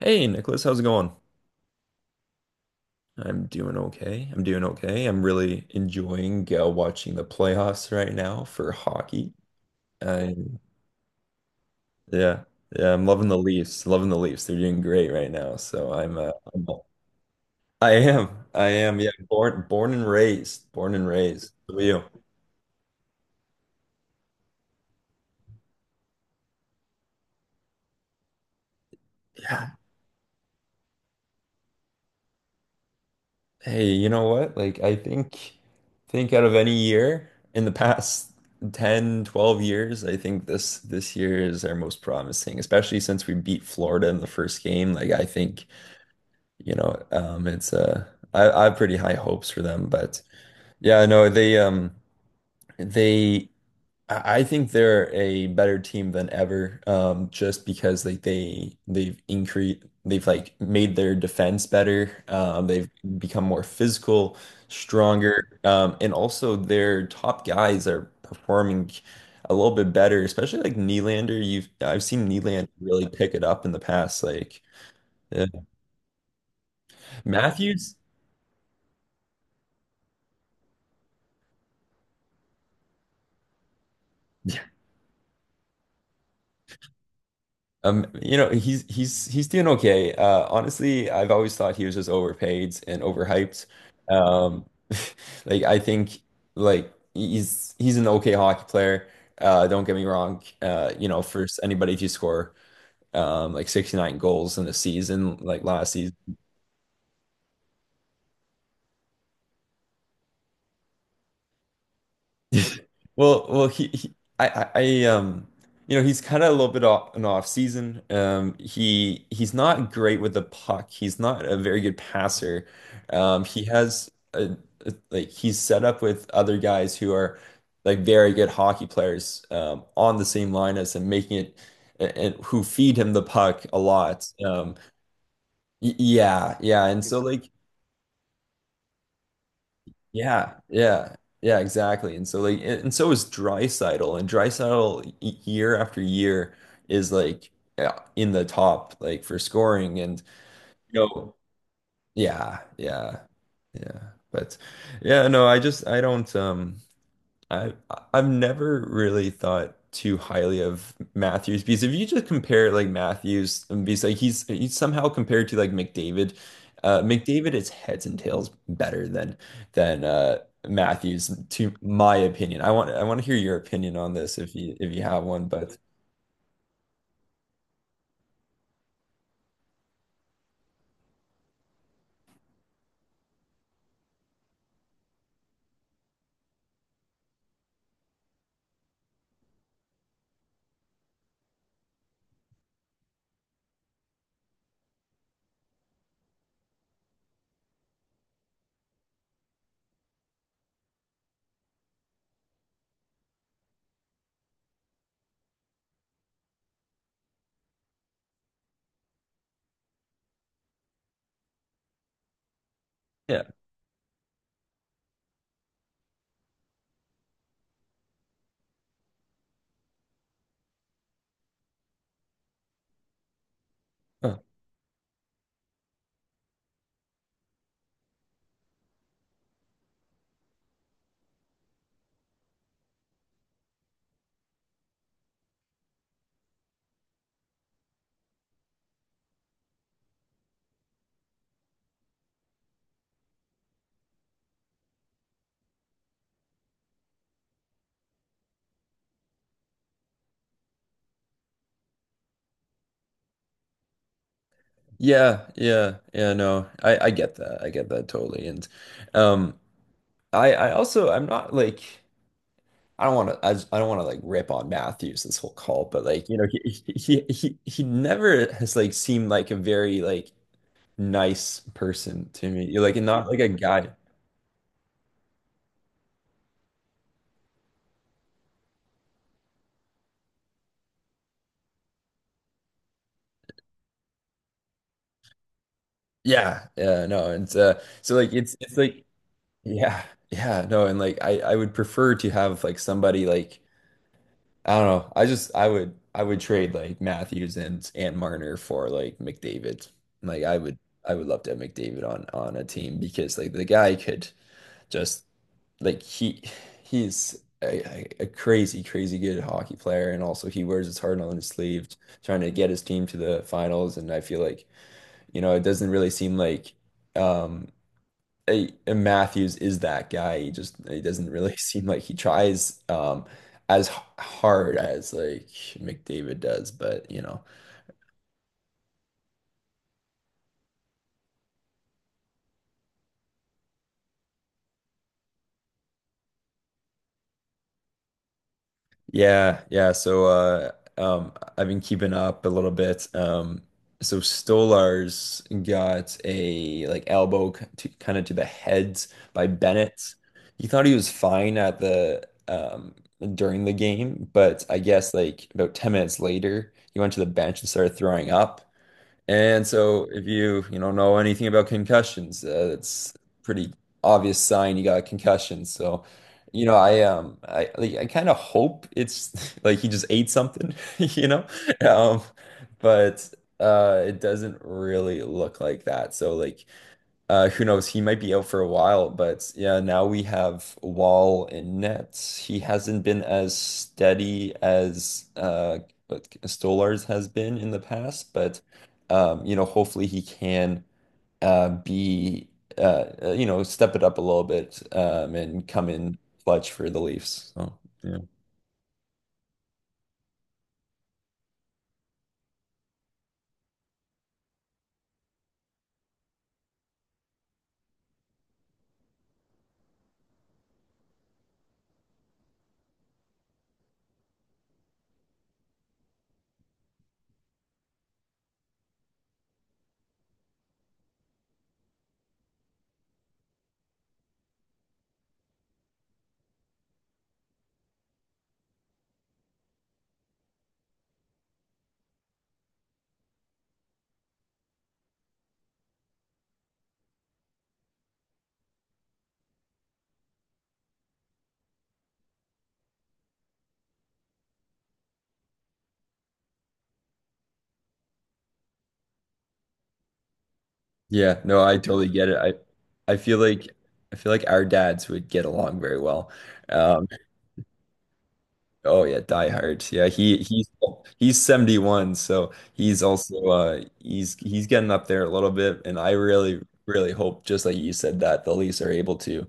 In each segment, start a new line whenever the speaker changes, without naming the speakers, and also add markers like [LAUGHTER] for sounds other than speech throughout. Hey Nicholas, how's it going? I'm doing okay. I'm doing okay. I'm really enjoying watching the playoffs right now for hockey. I'm yeah, yeah. I'm loving the Leafs. Loving the Leafs. They're doing great right now. So I'm I am. I am. Yeah. Born, born and raised. Born and raised. Who are you? Yeah. Hey, you know what? Like I think out of any year in the past [LAUGHS] 10, 12 years, I think this year is our most promising, especially since we beat Florida in the first game. Like I think, you know, it's I have pretty high hopes for them, but yeah, no, they I think they're a better team than ever, just because like they've like made their defense better. They've become more physical, stronger, and also their top guys are performing a little bit better, especially like Nylander. You've I've seen Nylander really pick it up in the past. Uh, Matthews. [LAUGHS] You know, he's doing okay. Honestly, I've always thought he was just overpaid and overhyped. Um, [LAUGHS] like I think like he's an okay hockey player. Don't get me wrong. You know, for anybody to score like 69 goals in a season like last season. [LAUGHS] Well, well, he I, you know, he's kind of a little bit off an off season. He he's not great with the puck. He's not a very good passer. He has like he's set up with other guys who are like very good hockey players on the same line as him, making it and, who feed him the puck a lot. Yeah, and so like yeah, yeah, yeah, exactly. And so like and so is Drysdale year after year is like yeah, in the top like for scoring and you know yeah, yeah. Yeah. But yeah, no, I don't I I've never really thought too highly of Matthews because if you just compare like Matthews and because like he's somehow compared to like McDavid. McDavid is heads and tails better than than uh Matthews, to my opinion. I want to hear your opinion on this if you have one, but yeah. Huh. Yeah, yeah, yeah, no. I get that. I get that totally. And um I also I'm not like I don't want to. I don't want to like rip on Matthews this whole call, but like you know, he never has like seemed like a very like nice person to me. You're like and not like a guy. Yeah, yeah, no, and so like it's like yeah, yeah, no, and like I would prefer to have like somebody like I don't know. I would I would trade like Matthews and Marner for like McDavid. Like I would love to have McDavid on a team because like the guy could just like he a crazy crazy good hockey player and also he wears his heart on his sleeve trying to get his team to the finals, and I feel like you know it doesn't really seem like um a Matthews is that guy. He doesn't really [LAUGHS] seem like he tries as hard as like McDavid does, but you know yeah, yeah. So I've been keeping up a little bit. So Stolar's got a like kind of to the head by Bennett. He thought he was fine at the during the game, but I guess like about 10 minutes later, he went to the bench and started throwing up. And so if you, you know anything about concussions, it's pretty obvious sign you got a concussion. So, you know, I like, I kind of hope it's [LAUGHS] like he just ate something, [LAUGHS] you know? Um, but it doesn't really look like that. So like who knows? He might be out for a while, but yeah, now we have Wall and Nets. He hasn't been as steady as what Stolarz has been in the past, but you know, hopefully he can be you know, step it up a little bit and come in clutch for the Leafs. So yeah, yeah, no, I totally get it. I feel like I feel like our dads would get along very well. Um, Oh yeah, Die Hard. Yeah, he's 71, so he's also he's getting up there a little bit, and I really really hope, just like you said, that the Leafs are able to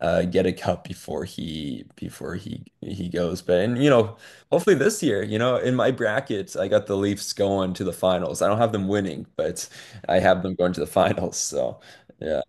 get a cup before he goes. But and you know, hopefully this year, you know, in my brackets, I got the Leafs going to the finals. I don't have them winning, but I have them going to the [LAUGHS] finals. So yeah.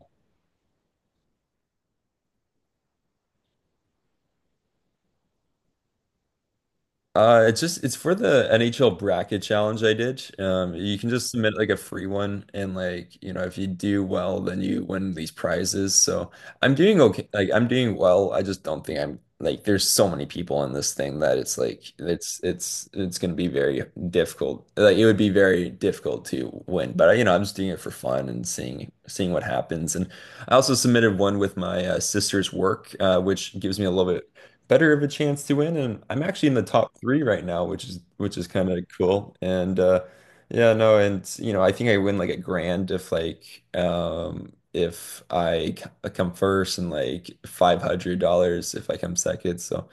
It's just it's for the NHL bracket challenge I did. You can just submit like a free one, and like you know, if you do well, then you win these prizes. So I'm doing okay. Like I'm doing well. I just Don't think I'm like there's so many people in this thing that it's gonna be very difficult. Like it would be very difficult to win. But you know, I'm just doing it for fun and seeing what happens. And I also submitted one with my sister's work, which gives me a little bit better of a chance to win. And I'm actually in the top three right now, which is kind of cool. And yeah, no, and you know, I think I win like a grand if like if I come first, and like $500 if I come second. So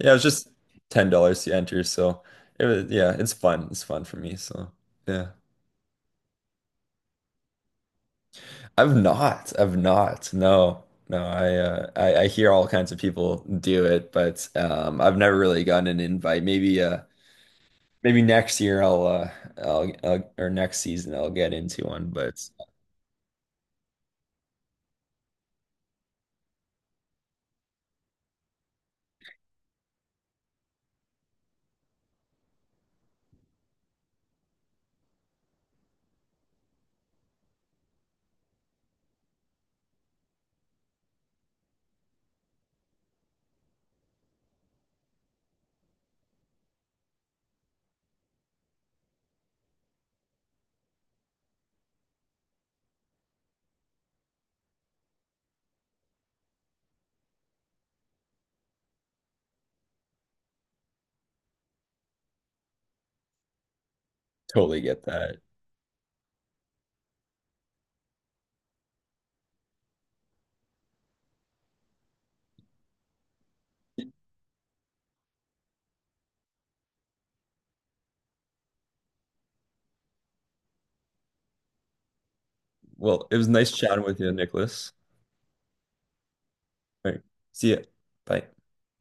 yeah, it's just $10 to enter. So it was yeah, it's fun. It's fun for me. So yeah, I've not. I've not. No. No, I hear all kinds of people do it, but I've never really gotten an invite. Maybe next year or next season I'll get into one, but totally get that. Well, it was nice chatting with you, Nicholas. All right. See ya. Bye.